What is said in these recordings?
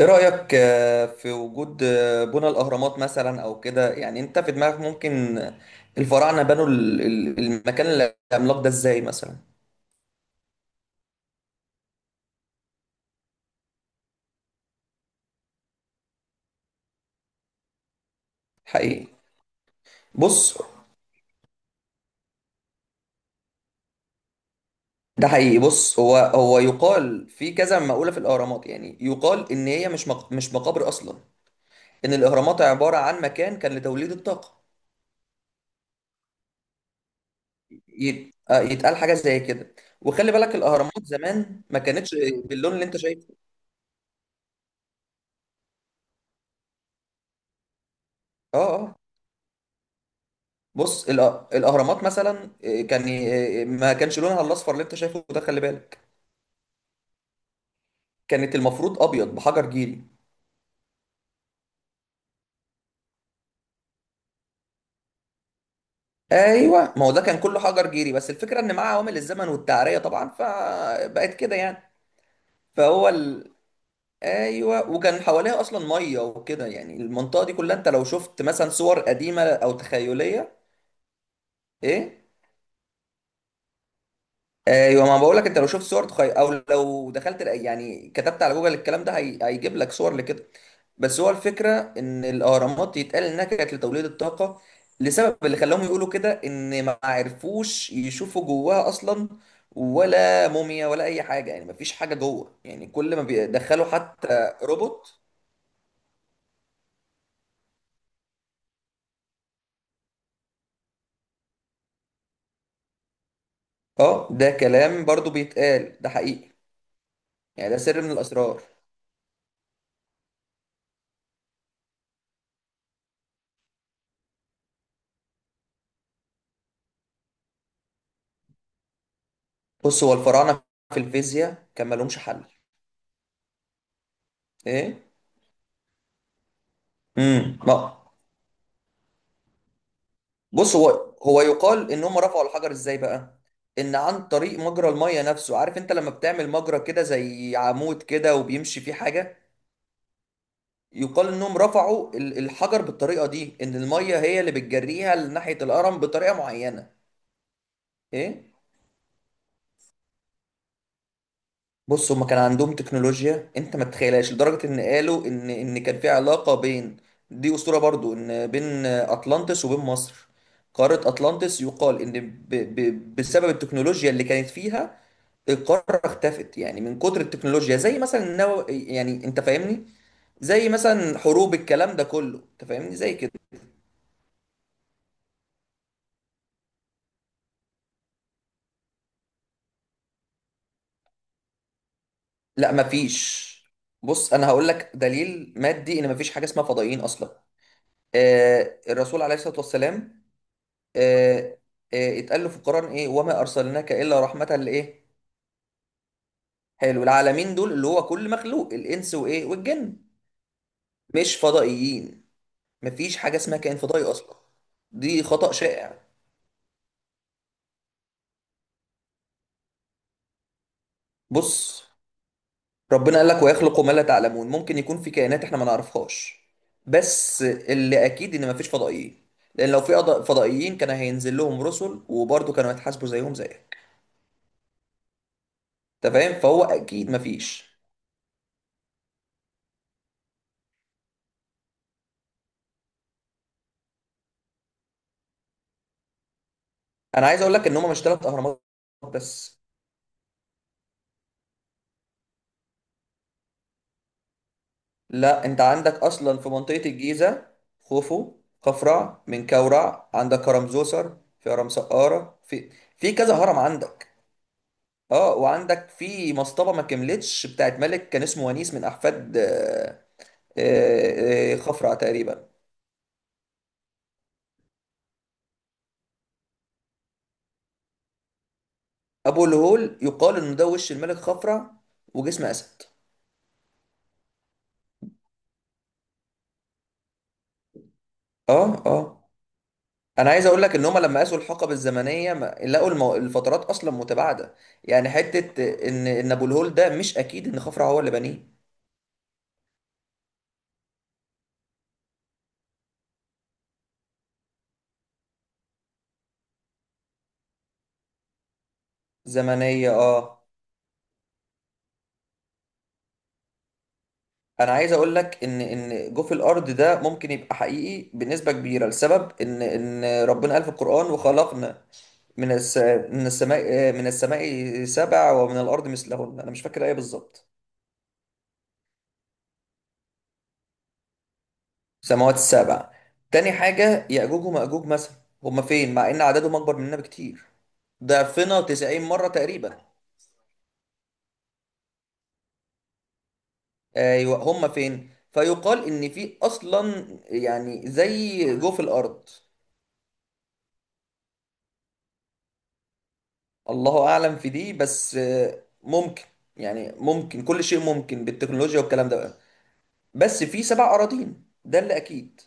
ايه رأيك في وجود بنى الأهرامات مثلا أو كده، يعني أنت في دماغك ممكن الفراعنة بنوا المكان العملاق ده إزاي مثلا؟ حقيقي. بص، ده حقيقي. بص، هو يقال في كذا مقولة في الأهرامات، يعني يقال إن هي مش مقابر أصلا، إن الأهرامات عبارة عن مكان كان لتوليد الطاقة. يتقال حاجة زي كده. وخلي بالك الأهرامات زمان ما كانتش باللون اللي أنت شايفه. آه آه. بص، الاهرامات مثلا كان ما كانش لونها الاصفر اللي انت شايفه ده، خلي بالك. كانت المفروض ابيض بحجر جيري. ايوه، ما هو ده كان كله حجر جيري، بس الفكره ان مع عوامل الزمن والتعريه طبعا فبقت كده يعني. فهو ال... ايوه، وكان حواليها اصلا ميه وكده، يعني المنطقه دي كلها انت لو شفت مثلا صور قديمه او تخيليه. ايه. ايوه، ما بقول لك انت لو شفت او لو دخلت يعني كتبت على جوجل الكلام ده، هيجيب لك صور لكده. بس هو الفكره ان الاهرامات يتقال انها كانت لتوليد الطاقه. لسبب اللي خلاهم يقولوا كده، ان ما عرفوش يشوفوا جواها اصلا، ولا موميا ولا اي حاجه، يعني ما فيش حاجه جوه، يعني كل ما بيدخلوا حتى روبوت. اه، ده كلام برضو بيتقال، ده حقيقي. يعني ده سر من الاسرار. بص، هو الفراعنه في الفيزياء كان مالهمش حل. ايه. امم بص، هو يقال ان هم رفعوا الحجر ازاي بقى. ان عن طريق مجرى الميه نفسه، عارف انت لما بتعمل مجرى كده زي عمود كده وبيمشي فيه حاجه. يقال انهم رفعوا الحجر بالطريقه دي، ان الميه هي اللي بتجريها لناحيه الهرم بطريقه معينه. ايه. بص، هما كان عندهم تكنولوجيا انت ما تتخيلهاش، لدرجه ان قالوا ان كان في علاقه بين، دي اسطوره برضو، ان بين اطلانتس وبين مصر. قاره اطلانتس يقال ان ب ب بسبب التكنولوجيا اللي كانت فيها القاره اختفت، يعني من كتر التكنولوجيا، زي مثلا يعني انت فاهمني، زي مثلا حروب، الكلام ده كله، انت فاهمني زي كده. لا، مفيش. بص، انا هقول لك دليل مادي ان مفيش حاجه اسمها فضائيين اصلا. آه، الرسول عليه الصلاه والسلام آه، اتقال له في القرآن ايه، وما ارسلناك الا رحمة لايه، حلو، العالمين دول اللي هو كل مخلوق، الانس وايه والجن، مش فضائيين. مفيش حاجة اسمها كائن فضائي اصلا، دي خطأ شائع. بص، ربنا قال لك ويخلق ما لا تعلمون، ممكن يكون في كائنات احنا ما نعرفهاش، بس اللي اكيد ان مفيش فضائيين. لان لو في فضائيين كان هينزل لهم رسل، وبرضه كانوا هيتحاسبوا زيهم زيك، انت فاهم، فهو اكيد مفيش. انا عايز اقول لك ان هم مش ثلاث اهرامات بس. لا، انت عندك اصلا في منطقة الجيزة، خوفو خفرع منكورع، عندك هرم زوسر، في هرم سقارة، في في كذا هرم عندك. اه، وعندك في مصطبة ما كملتش بتاعت ملك كان اسمه ونيس، من احفاد خفرع تقريبا. ابو الهول يقال انه ده وش الملك خفرع وجسم اسد. اه اه. انا عايز اقول لك ان هم لما قاسوا الحقب الزمنيه ما لقوا الفترات اصلا متباعده، يعني حته ان ابو الهول ده مش اكيد ان خفرع هو اللي بنيه. زمنية، اه. انا عايز اقول لك ان جوف الارض ده ممكن يبقى حقيقي بنسبة كبيرة، لسبب ان ربنا قال في القرآن وخلقنا من الس... من السماء من السماء سبع، ومن الارض مثلهن، انا مش فاكر الايه بالظبط. سماوات السبع. تاني حاجة يأجوج ومأجوج مثلا، هما فين مع ان عددهم اكبر مننا بكتير، ضعفنا 90 مرة تقريبا. ايوه، هما فين؟ فيقال ان في اصلا، يعني زي جوف الارض. الله اعلم في دي، بس ممكن، يعني ممكن كل شيء ممكن بالتكنولوجيا والكلام ده بقى. بس في سبع اراضين ده اللي اكيد.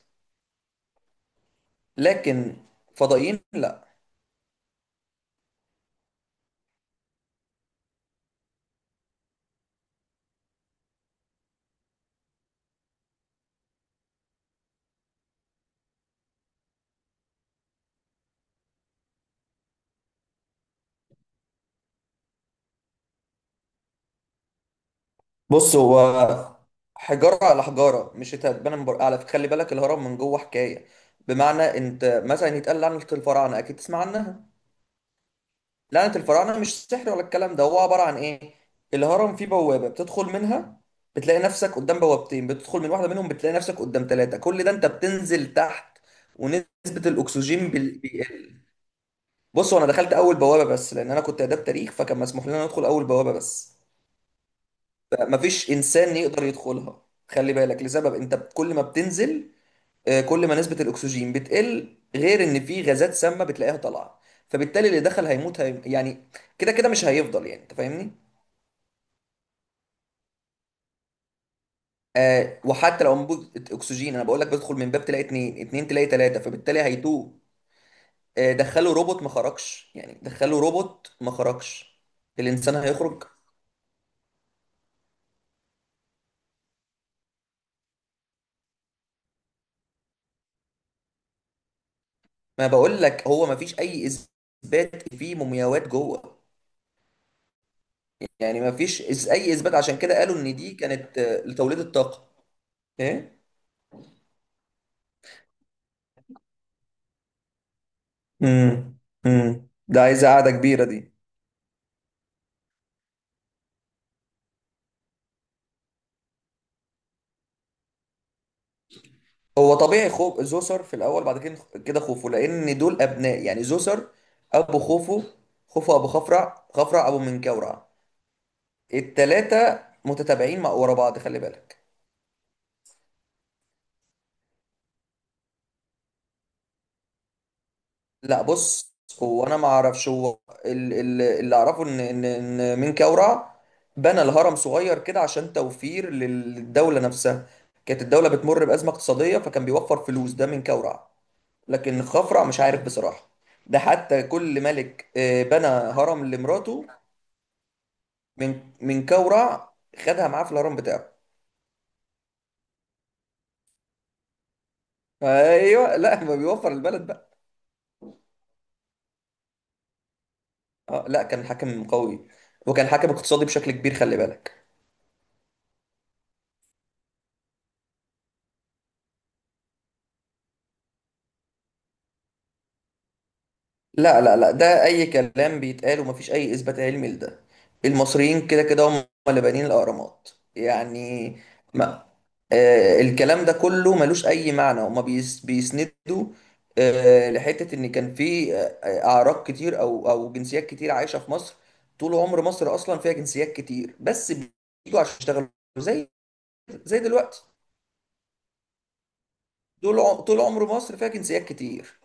لكن فضائيين لا. بص، هو حجاره على حجاره مش هتتبنى من بره، على فكرة خلي بالك، الهرم من جوه حكايه. بمعنى انت مثلا يتقال عن الفراعنه اكيد تسمع عنها، لعنة الفراعنة، مش سحر ولا الكلام ده، هو عبارة عن إيه؟ الهرم فيه بوابة بتدخل منها، بتلاقي نفسك قدام بوابتين، بتدخل من واحدة منهم بتلاقي نفسك قدام ثلاثة، كل ده أنت بتنزل تحت. ونسبة الأكسجين بيقل. بصوا، أنا دخلت أول بوابة بس، لأن أنا كنت آداب تاريخ، فكان مسموح لنا ندخل أول بوابة بس. فمفيش إنسان يقدر يدخلها. خلي بالك لسبب، أنت كل ما بتنزل كل ما نسبة الأكسجين بتقل، غير إن في غازات سامة بتلاقيها طالعة، فبالتالي اللي دخل هيموت، يعني كده كده مش هيفضل، يعني انت فاهمني. آه، وحتى لو انبوبه اكسجين، انا بقول لك بدخل من باب تلاقي اتنين، اتنين تلاقي تلاته، فبالتالي هيتوه. آه، دخلوا روبوت ما خرجش، يعني دخلوا روبوت ما خرجش، الانسان هيخرج؟ ما بقول لك هو ما فيش اي اثبات فيه مومياوات جوه، يعني ما فيش اي اثبات، عشان كده قالوا ان دي كانت آه لتوليد الطاقه. ايه. امم ده عايزه قاعده كبيره دي. هو طبيعي خوف زوسر في الاول، بعد كده كده خوفو، لان دول ابناء، يعني زوسر ابو خوفو، خوفو ابو خفرع، خفرع ابو منكورع، التلاتة متتابعين مع ورا بعض خلي بالك. لا، بص، هو انا ما اعرفش، هو اللي اعرفه ان منكورع بنى الهرم صغير كده عشان توفير للدولة نفسها. كانت الدولة بتمر بأزمة اقتصادية، فكان بيوفر فلوس، ده منكورع. لكن الخفرع مش عارف بصراحة. ده حتى كل ملك بنى هرم لمراته، من كورع خدها معاه في الهرم بتاعه. ايوه، لا، ما بيوفر البلد بقى. اه لا، كان حاكم قوي، وكان حاكم اقتصادي بشكل كبير خلي بالك. لا لا لا، ده اي كلام بيتقال ومفيش اي اثبات علمي لده. المصريين كده كده هم اللي بانيين الاهرامات يعني. ما آه، الكلام ده كله ملوش اي معنى. هما بيسندوا آه لحته ان كان في اعراق كتير او جنسيات كتير عايشه في مصر. طول عمر مصر اصلا فيها جنسيات كتير، بس بيجوا عشان يشتغلوا، زي زي دلوقتي. طول عمر مصر فيها جنسيات كتير.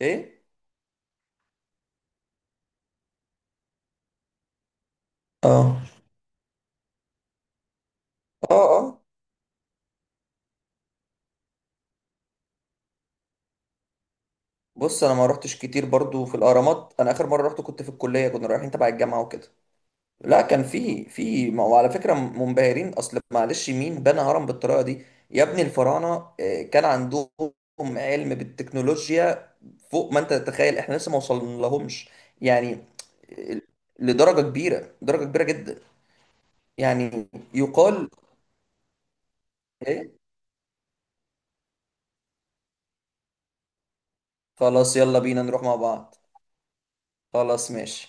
ايه. اه. اه. اه. بص، انا ما روحتش كتير برضو في الاهرامات، انا اخر مره رحت كنت في الكليه، كنا رايحين تبع الجامعه وكده. لا، كان في ما هو على فكره منبهرين، اصل معلش مين بنى هرم بالطريقه دي، يا ابني الفراعنه كان عندهم علم بالتكنولوجيا فوق ما انت تتخيل، احنا لسه ما وصلنا لهمش يعني آه، لدرجه كبيره، درجه كبيره جدا يعني. يقال ايه. خلاص، يلا بينا نروح مع بعض. خلاص ماشي.